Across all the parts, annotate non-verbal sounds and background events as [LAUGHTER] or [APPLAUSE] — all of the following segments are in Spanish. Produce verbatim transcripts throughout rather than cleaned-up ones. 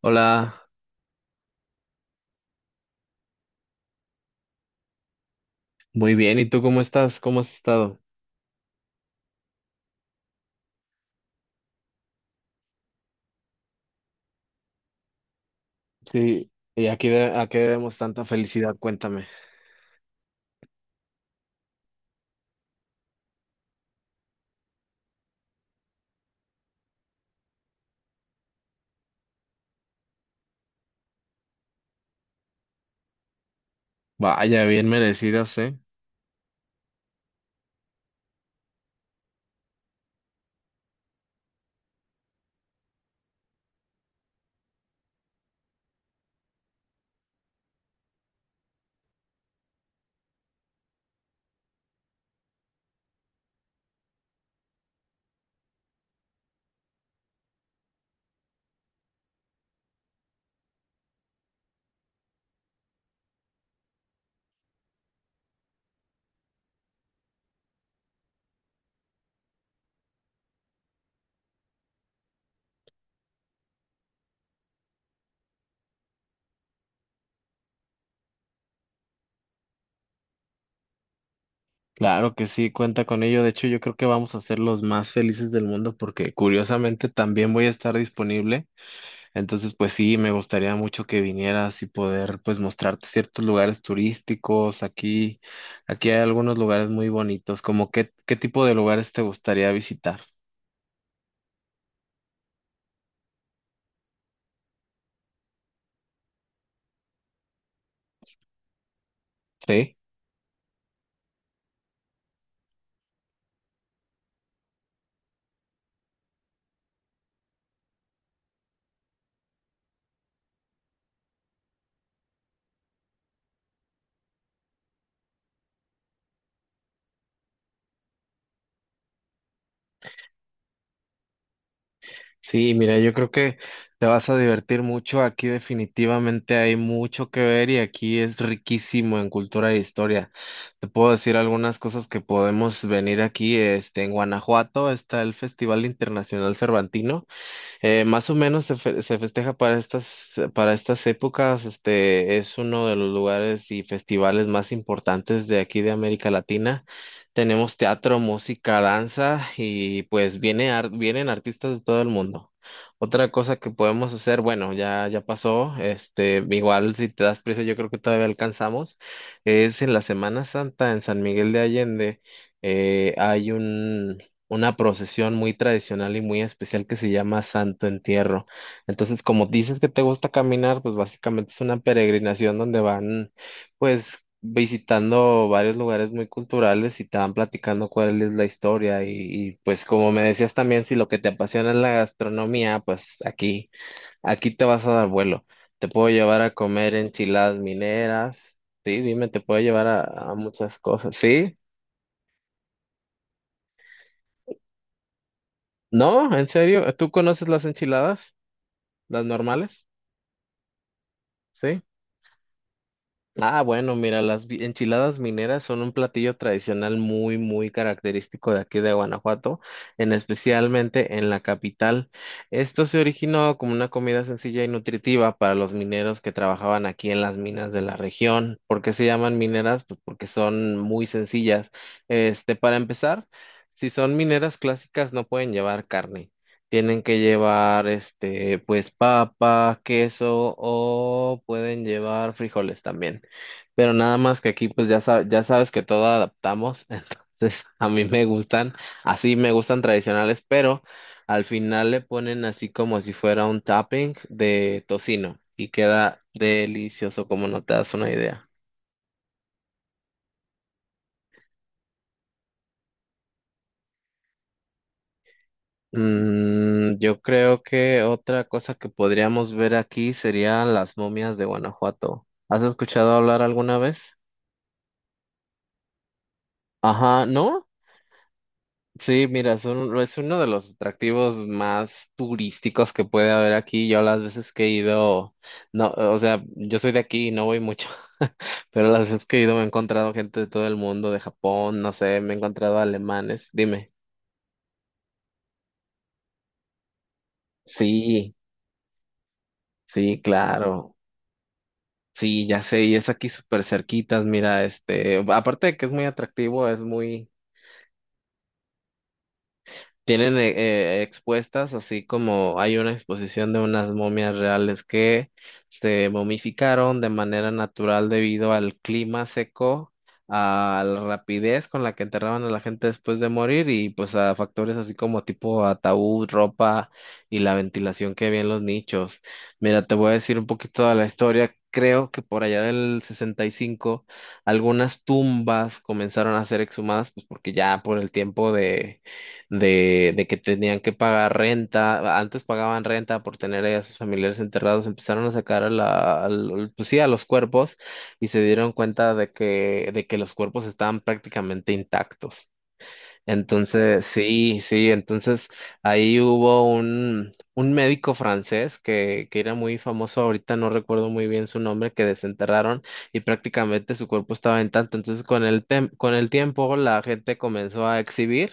Hola, muy bien. ¿Y tú cómo estás? ¿Cómo has estado? Sí, ¿y a qué, de- a qué debemos tanta felicidad? Cuéntame. Vaya, bien merecidas, ¿eh? Claro que sí, cuenta con ello. De hecho, yo creo que vamos a ser los más felices del mundo porque curiosamente también voy a estar disponible. Entonces, pues sí, me gustaría mucho que vinieras y poder pues mostrarte ciertos lugares turísticos. Aquí, aquí hay algunos lugares muy bonitos. ¿Como qué, qué tipo de lugares te gustaría visitar? ¿Sí? Sí, mira, yo creo que te vas a divertir mucho. Aquí definitivamente hay mucho que ver y aquí es riquísimo en cultura e historia. Te puedo decir algunas cosas que podemos venir aquí. Este, en Guanajuato está el Festival Internacional Cervantino. Eh, más o menos se, fe- se festeja para estas, para estas épocas. Este es uno de los lugares y festivales más importantes de aquí de América Latina. Tenemos teatro, música, danza y pues viene ar- vienen artistas de todo el mundo. Otra cosa que podemos hacer, bueno, ya, ya pasó, este, igual si te das prisa, yo creo que todavía alcanzamos, es en la Semana Santa en San Miguel de Allende, eh, hay un, una procesión muy tradicional y muy especial que se llama Santo Entierro. Entonces, como dices que te gusta caminar, pues básicamente es una peregrinación donde van, pues, visitando varios lugares muy culturales y te van platicando cuál es la historia. Y, y, pues, como me decías también, si lo que te apasiona es la gastronomía, pues aquí, aquí te vas a dar vuelo. Te puedo llevar a comer enchiladas mineras. Sí, dime, te puedo llevar a, a muchas cosas. ¿Sí? ¿No? ¿En serio? ¿Tú conoces las enchiladas? Las normales, ¿sí? Ah, bueno, mira, las vi- enchiladas mineras son un platillo tradicional muy, muy característico de aquí de Guanajuato, en especialmente en la capital. Esto se originó como una comida sencilla y nutritiva para los mineros que trabajaban aquí en las minas de la región. ¿Por qué se llaman mineras? Pues porque son muy sencillas. Este, para empezar, si son mineras clásicas, no pueden llevar carne. Tienen que llevar, este, pues papa, queso o pueden llevar frijoles también. Pero nada más que aquí pues ya, sa- ya sabes que todo adaptamos, [LAUGHS] entonces a mí me gustan, así me gustan tradicionales, pero al final le ponen así como si fuera un topping de tocino y queda delicioso como no te das una idea. Mm, yo creo que otra cosa que podríamos ver aquí serían las momias de Guanajuato. ¿Has escuchado hablar alguna vez? Ajá, ¿no? Sí, mira, es, un- es uno de los atractivos más turísticos que puede haber aquí. Yo las veces que he ido, no, o sea, yo soy de aquí y no voy mucho, [LAUGHS] pero las veces que he ido me he encontrado gente de todo el mundo, de Japón, no sé, me he encontrado alemanes. Dime. Sí, sí, claro. Sí, ya sé, y es aquí súper cerquitas, mira, este, aparte de que es muy atractivo, es muy. Tienen eh, eh, expuestas, así como hay una exposición de unas momias reales que se momificaron de manera natural debido al clima seco, a la rapidez con la que enterraban a la gente después de morir y pues a factores así como tipo ataúd, ropa y la ventilación que había en los nichos. Mira, te voy a decir un poquito de la historia. Creo que por allá del sesenta y cinco algunas tumbas comenzaron a ser exhumadas, pues porque ya por el tiempo de de, de que tenían que pagar renta, antes pagaban renta por tener ahí a sus familiares enterrados, empezaron a sacar a la, al- pues sí, a los cuerpos y se dieron cuenta de que, de que los cuerpos estaban prácticamente intactos. Entonces, sí, sí, entonces ahí hubo un, un médico francés que, que era muy famoso, ahorita no recuerdo muy bien su nombre, que desenterraron y prácticamente su cuerpo estaba intacto. Entonces, con el, tem- con el tiempo, la gente comenzó a exhibir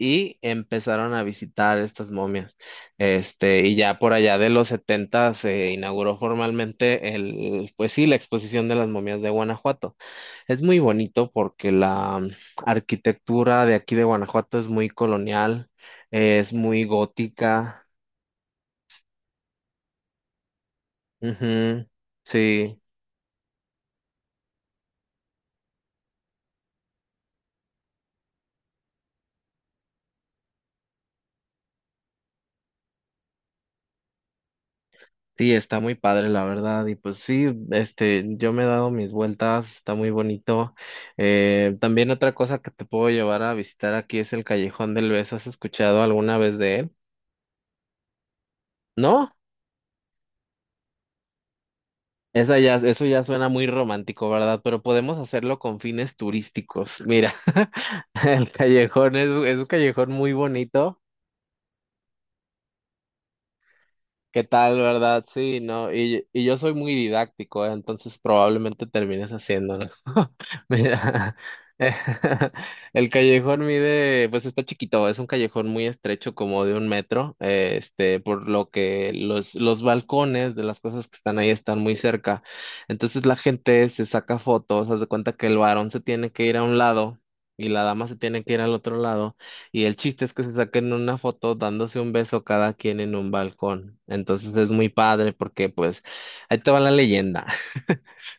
y empezaron a visitar estas momias. Este, y ya por allá de los setenta se inauguró formalmente el, pues sí, la exposición de las momias de Guanajuato. Es muy bonito porque la mm, arquitectura de aquí de Guanajuato es muy colonial, eh, es muy gótica. Ujú, sí. Sí, está muy padre, la verdad. Y pues sí, este, yo me he dado mis vueltas, está muy bonito. Eh, también otra cosa que te puedo llevar a visitar aquí es el Callejón del Beso. ¿Has escuchado alguna vez de él? ¿No? Esa ya, eso ya suena muy romántico, ¿verdad? Pero podemos hacerlo con fines turísticos. Mira, [LAUGHS] el callejón es, es un callejón muy bonito. ¿Qué tal, verdad? Sí, no, y, y yo soy muy didáctico, ¿eh? Entonces probablemente termines haciéndolo. [LAUGHS] Mira, [LAUGHS] el callejón mide, pues está chiquito, es un callejón muy estrecho, como de un metro, eh, este, por lo que los, los balcones de las cosas que están ahí están muy cerca. Entonces la gente se saca fotos, haz de cuenta que el varón se tiene que ir a un lado y la dama se tiene que ir al otro lado y el chiste es que se saquen una foto dándose un beso cada quien en un balcón. Entonces es muy padre porque pues ahí te va la leyenda.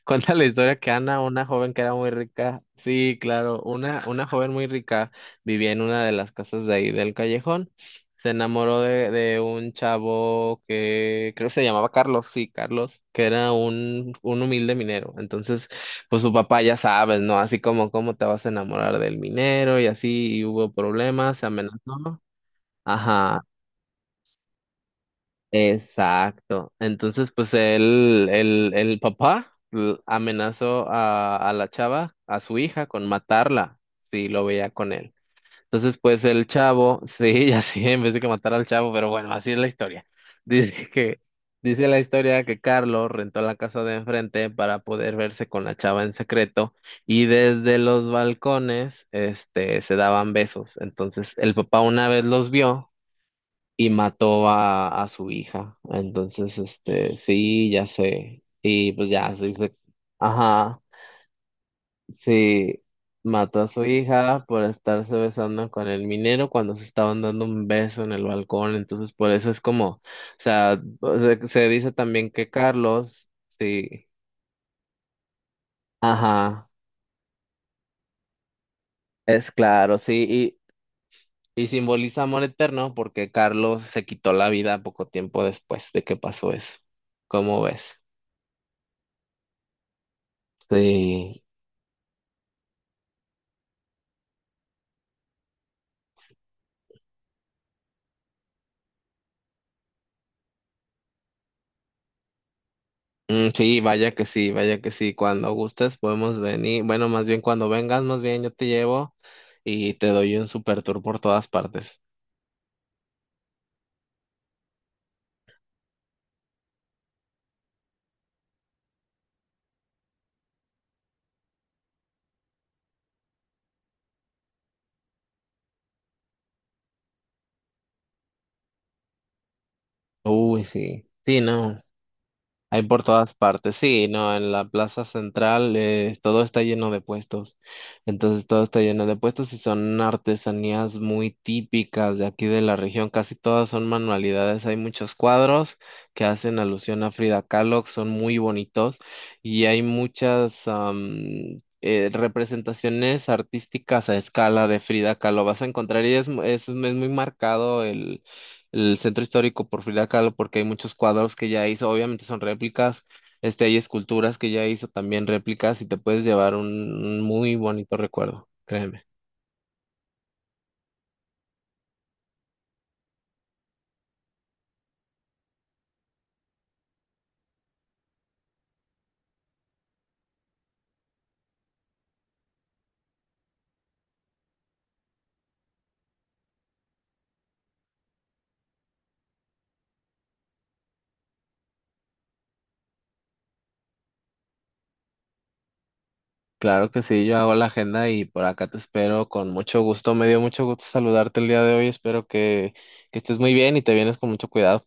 Cuenta la historia que Ana, una joven que era muy rica, sí, claro, una, una joven muy rica vivía en una de las casas de ahí del callejón. Se enamoró de, de un chavo que creo que se llamaba Carlos, sí, Carlos, que era un, un humilde minero. Entonces, pues su papá ya sabes, ¿no? Así como, ¿cómo te vas a enamorar del minero? Y así, y hubo problemas, se amenazó. Ajá. Exacto. Entonces, pues el, el, el papá l- amenazó a, a la chava, a su hija, con matarla si lo veía con él. Entonces, pues el chavo, sí, [LAUGHS] ya sí, en vez de que matar al chavo, pero bueno, así es la historia. [LAUGHS] Dice que, dice la historia que Carlos rentó la casa de enfrente para poder verse con la chava en secreto y desde los balcones, este, se daban besos. Entonces, el papá una vez los vio y mató a, a su hija. Entonces, este, sí, ya sé. Y pues ya se dice, ajá, sí, mató a su hija por estarse besando con el minero cuando se estaban dando un beso en el balcón. Entonces, por eso es como, o sea, se, se dice también que Carlos, sí, ajá, es claro, sí, y. Y simboliza amor eterno porque Carlos se quitó la vida poco tiempo después de que pasó eso. ¿Cómo ves? Sí. Mm, sí, vaya que sí, vaya que sí. Cuando gustes podemos venir. Bueno, más bien cuando vengas, más bien yo te llevo y te doy un super tour por todas partes. Uy, sí. Sí, no. Hay por todas partes, sí, no, en la plaza central eh, todo está lleno de puestos, entonces todo está lleno de puestos y son artesanías muy típicas de aquí de la región, casi todas son manualidades, hay muchos cuadros que hacen alusión a Frida Kahlo, que son muy bonitos y hay muchas am, eh, representaciones artísticas a escala de Frida Kahlo, vas a encontrar y es, mu- es es muy marcado el centro histórico por Frida Kahlo porque hay muchos cuadros que ya hizo, obviamente son réplicas, este, hay esculturas que ya hizo también réplicas y te puedes llevar un, un muy bonito recuerdo, créeme. Claro que sí, yo hago la agenda y por acá te espero con mucho gusto. Me dio mucho gusto saludarte el día de hoy. Espero que, que estés muy bien y te vienes con mucho cuidado.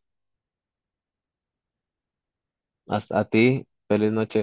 Hasta a ti, feliz noche.